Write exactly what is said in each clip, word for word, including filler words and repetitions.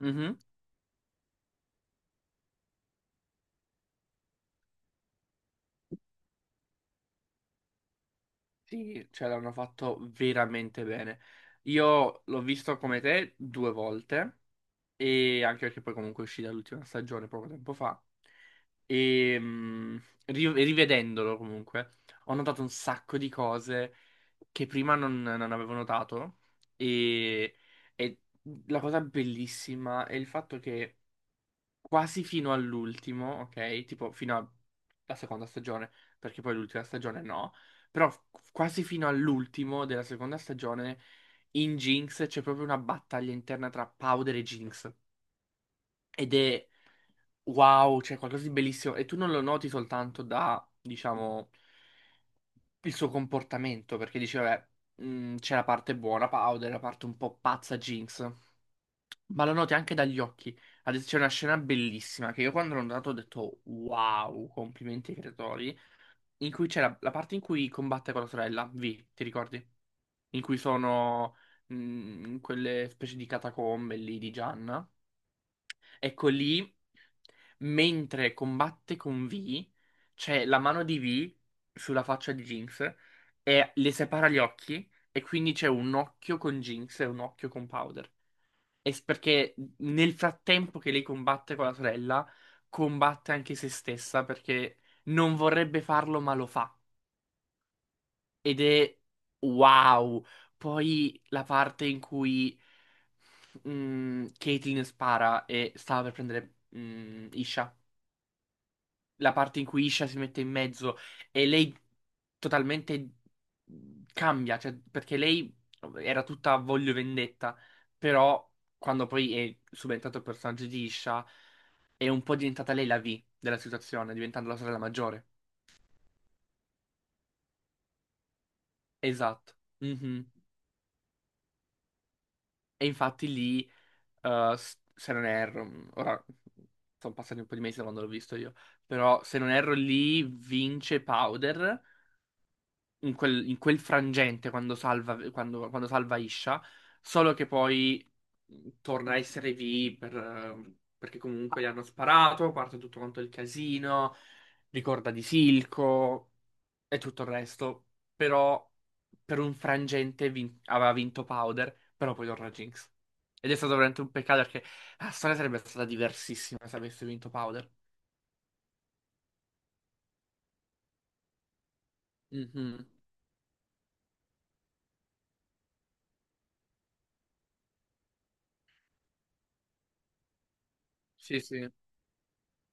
Mhm. Sì, ce l'hanno fatto veramente bene. Io l'ho visto come te due volte, e anche perché poi comunque è uscita l'ultima stagione poco tempo fa. E mh, ri- rivedendolo comunque, ho notato un sacco di cose che prima non, non avevo notato. E, e la cosa bellissima è il fatto che. quasi fino all'ultimo, ok? Tipo fino alla seconda stagione, perché poi l'ultima stagione no, però f- quasi fino all'ultimo della seconda stagione in Jinx c'è proprio una battaglia interna tra Powder e Jinx. Ed è wow, c'è qualcosa di bellissimo, e tu non lo noti soltanto da, diciamo, il suo comportamento, perché dice, vabbè, mh, c'è la parte buona Powder, la parte un po' pazza Jinx, ma lo noti anche dagli occhi. Adesso c'è una scena bellissima che io, quando l'ho notato, ho detto wow, complimenti ai creatori, in cui c'è la, la parte in cui combatte con la sorella, V, ti ricordi? In cui sono mh, in quelle specie di catacombe lì di Gianna. Ecco lì, mentre combatte con V, c'è la mano di V sulla faccia di Jinx e le separa gli occhi, e quindi c'è un occhio con Jinx e un occhio con Powder. E s- perché nel frattempo che lei combatte con la sorella, combatte anche se stessa, perché non vorrebbe farlo, ma lo fa. Ed è wow. Poi la parte in cui mm, Caitlyn spara e stava per prendere mm, Isha. La parte in cui Isha si mette in mezzo e lei totalmente mhmm, cambia, cioè, perché lei era tutta a voglio vendetta, però quando poi è subentrato il personaggio di Isha è un po' diventata lei la V della situazione, diventando la sorella maggiore. Esatto. Mhm. E infatti lì, eh, s- se non erro, mh, ora sono passati un po' di mesi da quando l'ho visto io, però se non erro lì vince Powder in quel, in quel frangente, quando salva, quando, quando salva Isha, solo che poi mhmm, torna a essere V per, eh, perché comunque gli hanno sparato, parte tutto quanto il casino, ricorda di Silco e tutto il resto, però per un frangente vin- aveva vinto Powder, però poi torna Jinx. Ed è stato veramente un peccato, perché la storia sarebbe stata diversissima se avesse vinto Powder. Mhm. Sì, sì,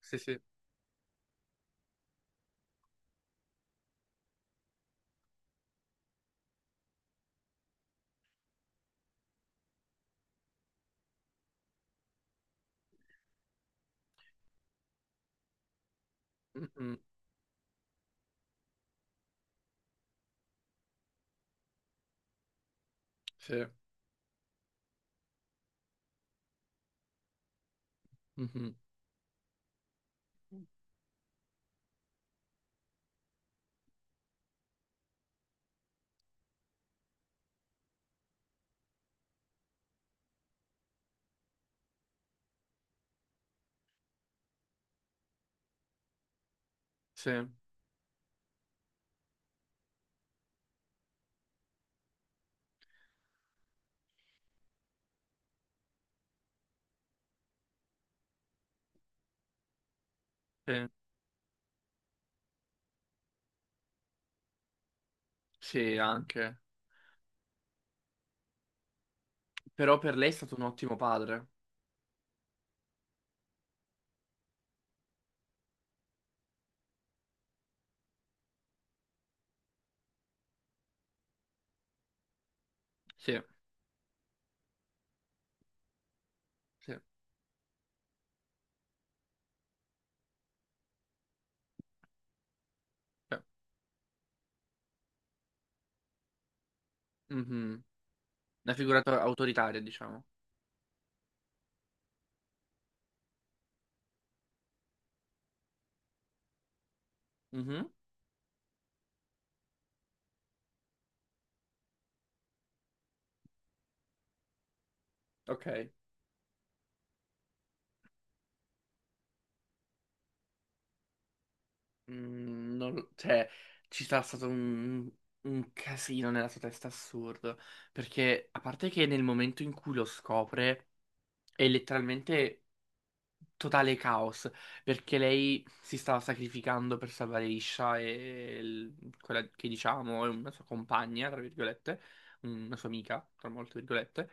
sì, sì. Mhm. Sì. Mhm. Sì. Sì, sì, anche. Però per lei è stato un ottimo padre. Sì, sì. Beh, mhm. Una figura to- autoritaria, diciamo. Mhm. Ok. Mm, non lo- cioè, ci sarà stato un, un casino nella sua testa assurdo. Perché, a parte che nel momento in cui lo scopre, è letteralmente totale caos, perché lei si stava sacrificando per salvare Isha e il- quella che diciamo è una sua compagna, tra virgolette, una sua amica, tra molte virgolette.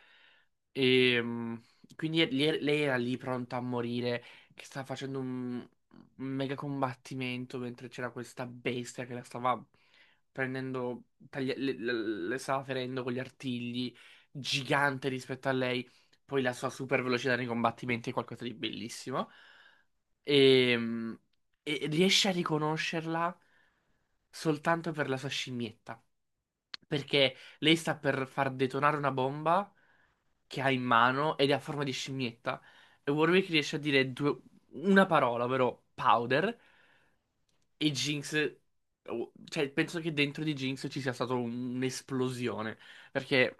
E mm, quindi le- lei era lì pronta a morire, che stava facendo un un mega combattimento mentre c'era questa bestia che la stava prendendo, taglia- le, le- le stava ferendo con gli artigli, gigante rispetto a lei. Poi la sua super velocità nei combattimenti è qualcosa di bellissimo. E, e riesce a riconoscerla soltanto per la sua scimmietta. Perché lei sta per far detonare una bomba che ha in mano, ed è a forma di scimmietta. E Warwick riesce a dire due- una parola, ovvero powder. E Jinx, oh, cioè, penso che dentro di Jinx ci sia stata un- un'esplosione. Perché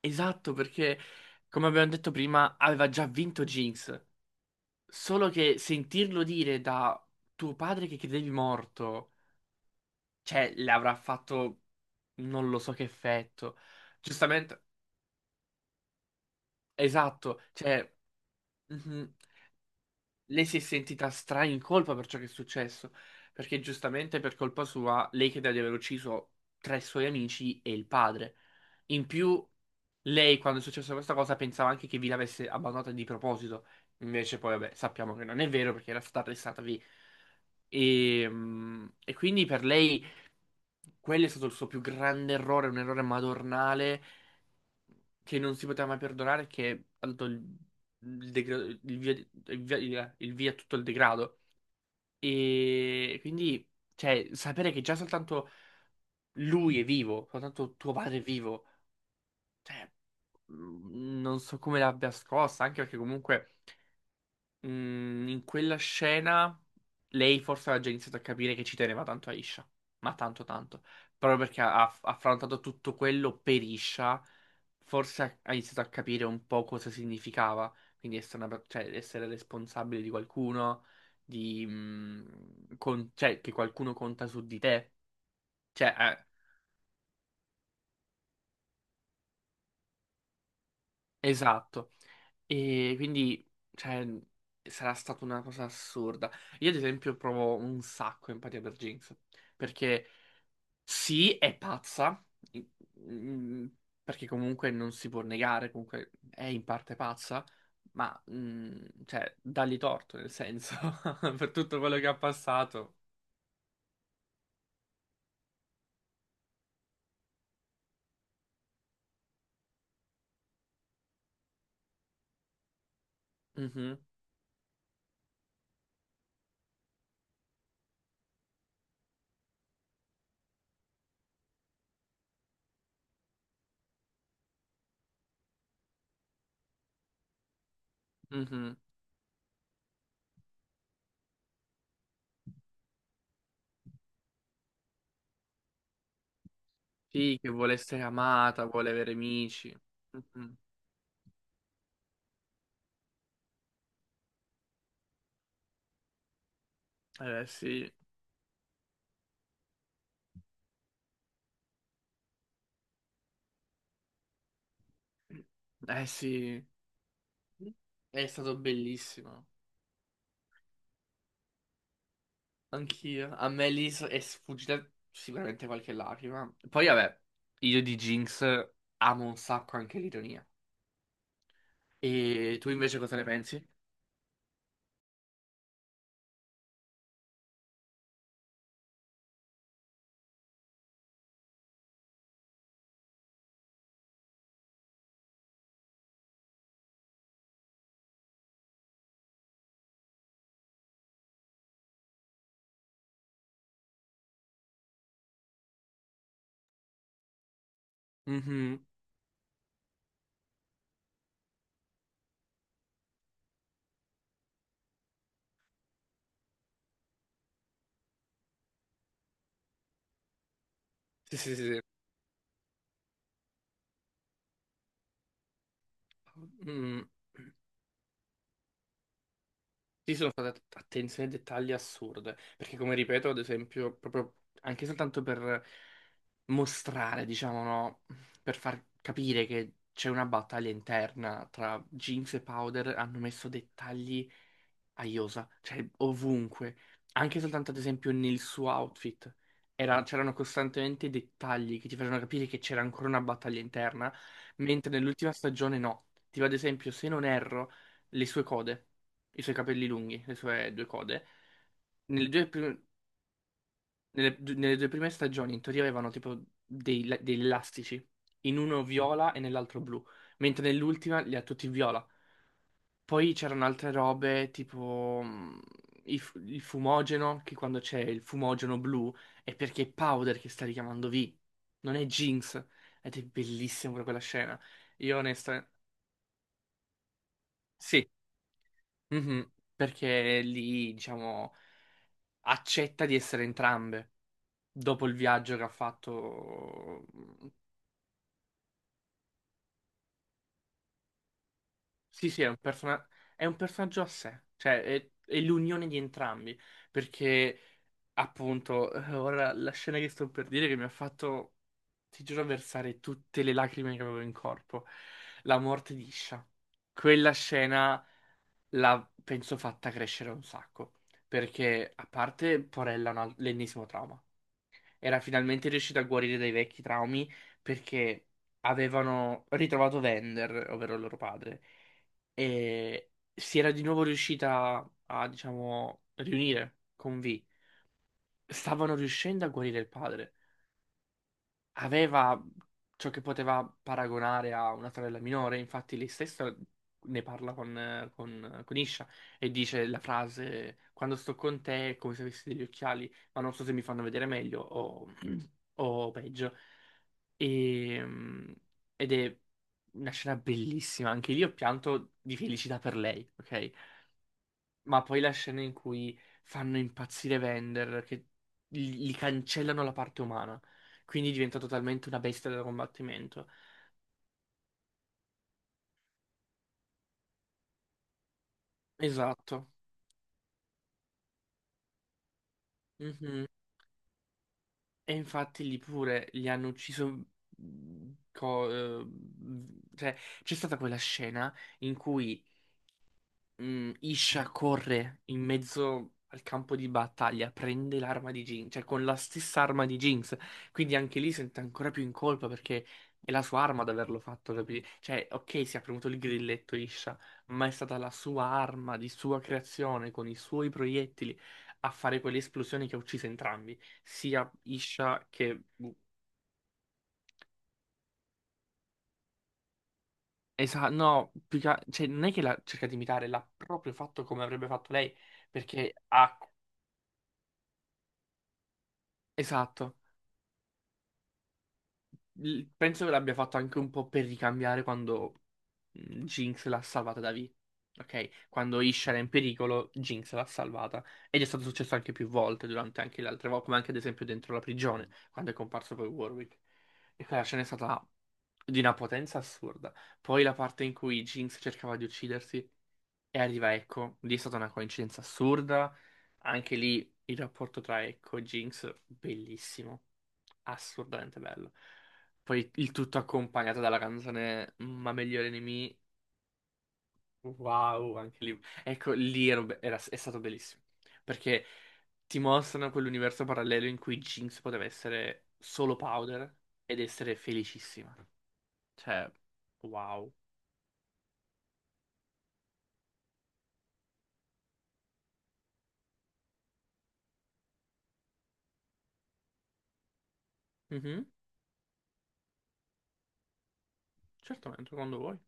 Esatto, perché come abbiamo detto prima, aveva già vinto Jinx. Solo che sentirlo dire da tuo padre che credevi morto, cioè, le avrà fatto non lo so che effetto. Giustamente, esatto, cioè, mhm, lei si è sentita stra in colpa per ciò che è successo. Perché giustamente per colpa sua, lei crede di aver ucciso tre suoi amici e il padre. In più. Lei, quando è successa questa cosa, pensava anche che vi l'avesse abbandonata di proposito. Invece, poi, vabbè, sappiamo che non è vero, perché era stata arrestata lì. E, mm, e quindi per lei quello è stato il suo più grande errore, un errore madornale che non si poteva mai perdonare, che ha dato il, il degra- il via, il via- il- il via a tutto il degrado. E quindi, cioè, sapere che già soltanto lui è vivo, soltanto tuo padre è vivo, cioè, mh, non so come l'abbia scossa, anche perché comunque mh, in quella scena lei forse aveva già iniziato a capire che ci teneva tanto a Isha, ma tanto tanto, proprio perché ha ha affrontato tutto quello per Isha, forse ha ha iniziato a capire un po' cosa significava, quindi essere, una per- cioè, essere responsabile di qualcuno, di, mh, con- cioè, che qualcuno conta su di te, cioè, eh, esatto. E quindi, cioè, sarà stata una cosa assurda. Io, ad esempio, provo un sacco empatia per Jinx. Perché sì, è pazza, in- in- perché comunque non si può negare, comunque è in parte pazza, ma, mm, cioè, dagli torto, nel senso, per tutto quello che ha passato. Mhm, mhm. Sì, che vuole essere amata, vuole avere amici. Mhm. Eh sì, eh sì, è stato bellissimo. Anch'io. A me lì s- è sfuggita sicuramente qualche lacrima. Poi vabbè, io di Jinx amo un sacco anche l'ironia. E tu invece cosa ne pensi? Mhm. Sì, sì, sì. Sì, Mm. Sì, sono state att- attenzioni ai dettagli assurde. Perché come ripeto, ad esempio, proprio anche soltanto per mostrare, diciamo, no? Per far capire che c'è una battaglia interna tra Jinx e Powder, hanno messo dettagli a Iosa, cioè ovunque, anche soltanto ad esempio nel suo outfit. Era- c'erano costantemente dettagli che ti facevano capire che c'era ancora una battaglia interna, mentre nell'ultima stagione no. Tipo ad esempio, se non erro, le sue code, i suoi capelli lunghi, le sue due code, nelle due, prim- nelle du- nelle due prime stagioni in teoria avevano tipo dei, la- degli elastici, in uno viola e nell'altro blu, mentre nell'ultima li ha tutti viola. Poi c'erano altre robe tipo mh, i fu- il, fumogeno, che quando c'è il fumogeno blu è perché è Powder che sta richiamando V, non è Jinx. Ed è bellissima pure quella scena. Io onestamente. Sì, mhm, perché lì, diciamo, accetta di essere entrambe dopo il viaggio che ha fatto. Sì, sì, è un, persona- è un personaggio a sé, cioè è è l'unione di entrambi, perché Appunto, eh, ora la scena che sto per dire che mi ha fatto, ti giuro, versare tutte le lacrime che avevo in corpo. La morte di Isha. Quella scena l'ha, penso, fatta crescere un sacco. Perché, a parte, porella, un al- l'ennesimo trauma. Era finalmente riuscita a guarire dai vecchi traumi, perché avevano ritrovato Vender, ovvero il loro padre, e si era di nuovo riuscita a, diciamo, riunire con V. Stavano riuscendo a guarire il padre. Aveva ciò che poteva paragonare a una sorella minore, infatti lei stessa ne parla con, eh, con, con Isha e dice la frase: Quando sto con te è come se avessi degli occhiali, ma non so se mi fanno vedere meglio o, o peggio. E, mm, ed è una scena bellissima. Anche lì ho pianto di felicità per lei, ok? Ma poi la scena in cui fanno impazzire Vander, che gli gli cancellano la parte umana, quindi diventa totalmente una bestia da combattimento. Esatto. Mhm. E infatti lì pure li hanno ucciso. co- eh, cioè, c'è stata quella scena in cui Mm, Isha corre in mezzo al campo di battaglia, prende l'arma di Jinx, cioè con la stessa arma di Jinx, quindi anche lì sente ancora più in colpa perché è la sua arma ad averlo fatto, capi? Cioè, ok, si è premuto il grilletto Isha, ma è stata la sua arma di sua creazione, con i suoi proiettili, a fare quelle esplosioni che ha ucciso entrambi, sia Isha che... Esatto, no, più che- cioè, non è che l'ha cercato di imitare, l'ha proprio fatto come avrebbe fatto lei, perché ha... Esatto. l- penso che l'abbia fatto anche un po' per ricambiare quando mh, Jinx l'ha salvata da V. Ok? Quando Ish era in pericolo, Jinx l'ha salvata. Ed è stato successo anche più volte, durante anche le altre volte, come anche ad esempio dentro la prigione, quando è comparso poi Warwick. E quella scena è stata di una potenza assurda. Poi la parte in cui Jinx cercava di uccidersi e arriva Echo, lì è stata una coincidenza assurda. Anche lì il rapporto tra Echo e Jinx, bellissimo, assurdamente bello. Poi il tutto accompagnato dalla canzone Ma meglio nemici. Wow, anche lì. Ecco, lì ero be- era- è stato bellissimo. Perché ti mostrano quell'universo parallelo in cui Jinx poteva essere solo Powder ed essere felicissima. Cioè, wow. Mhm, certamente, quando vuoi.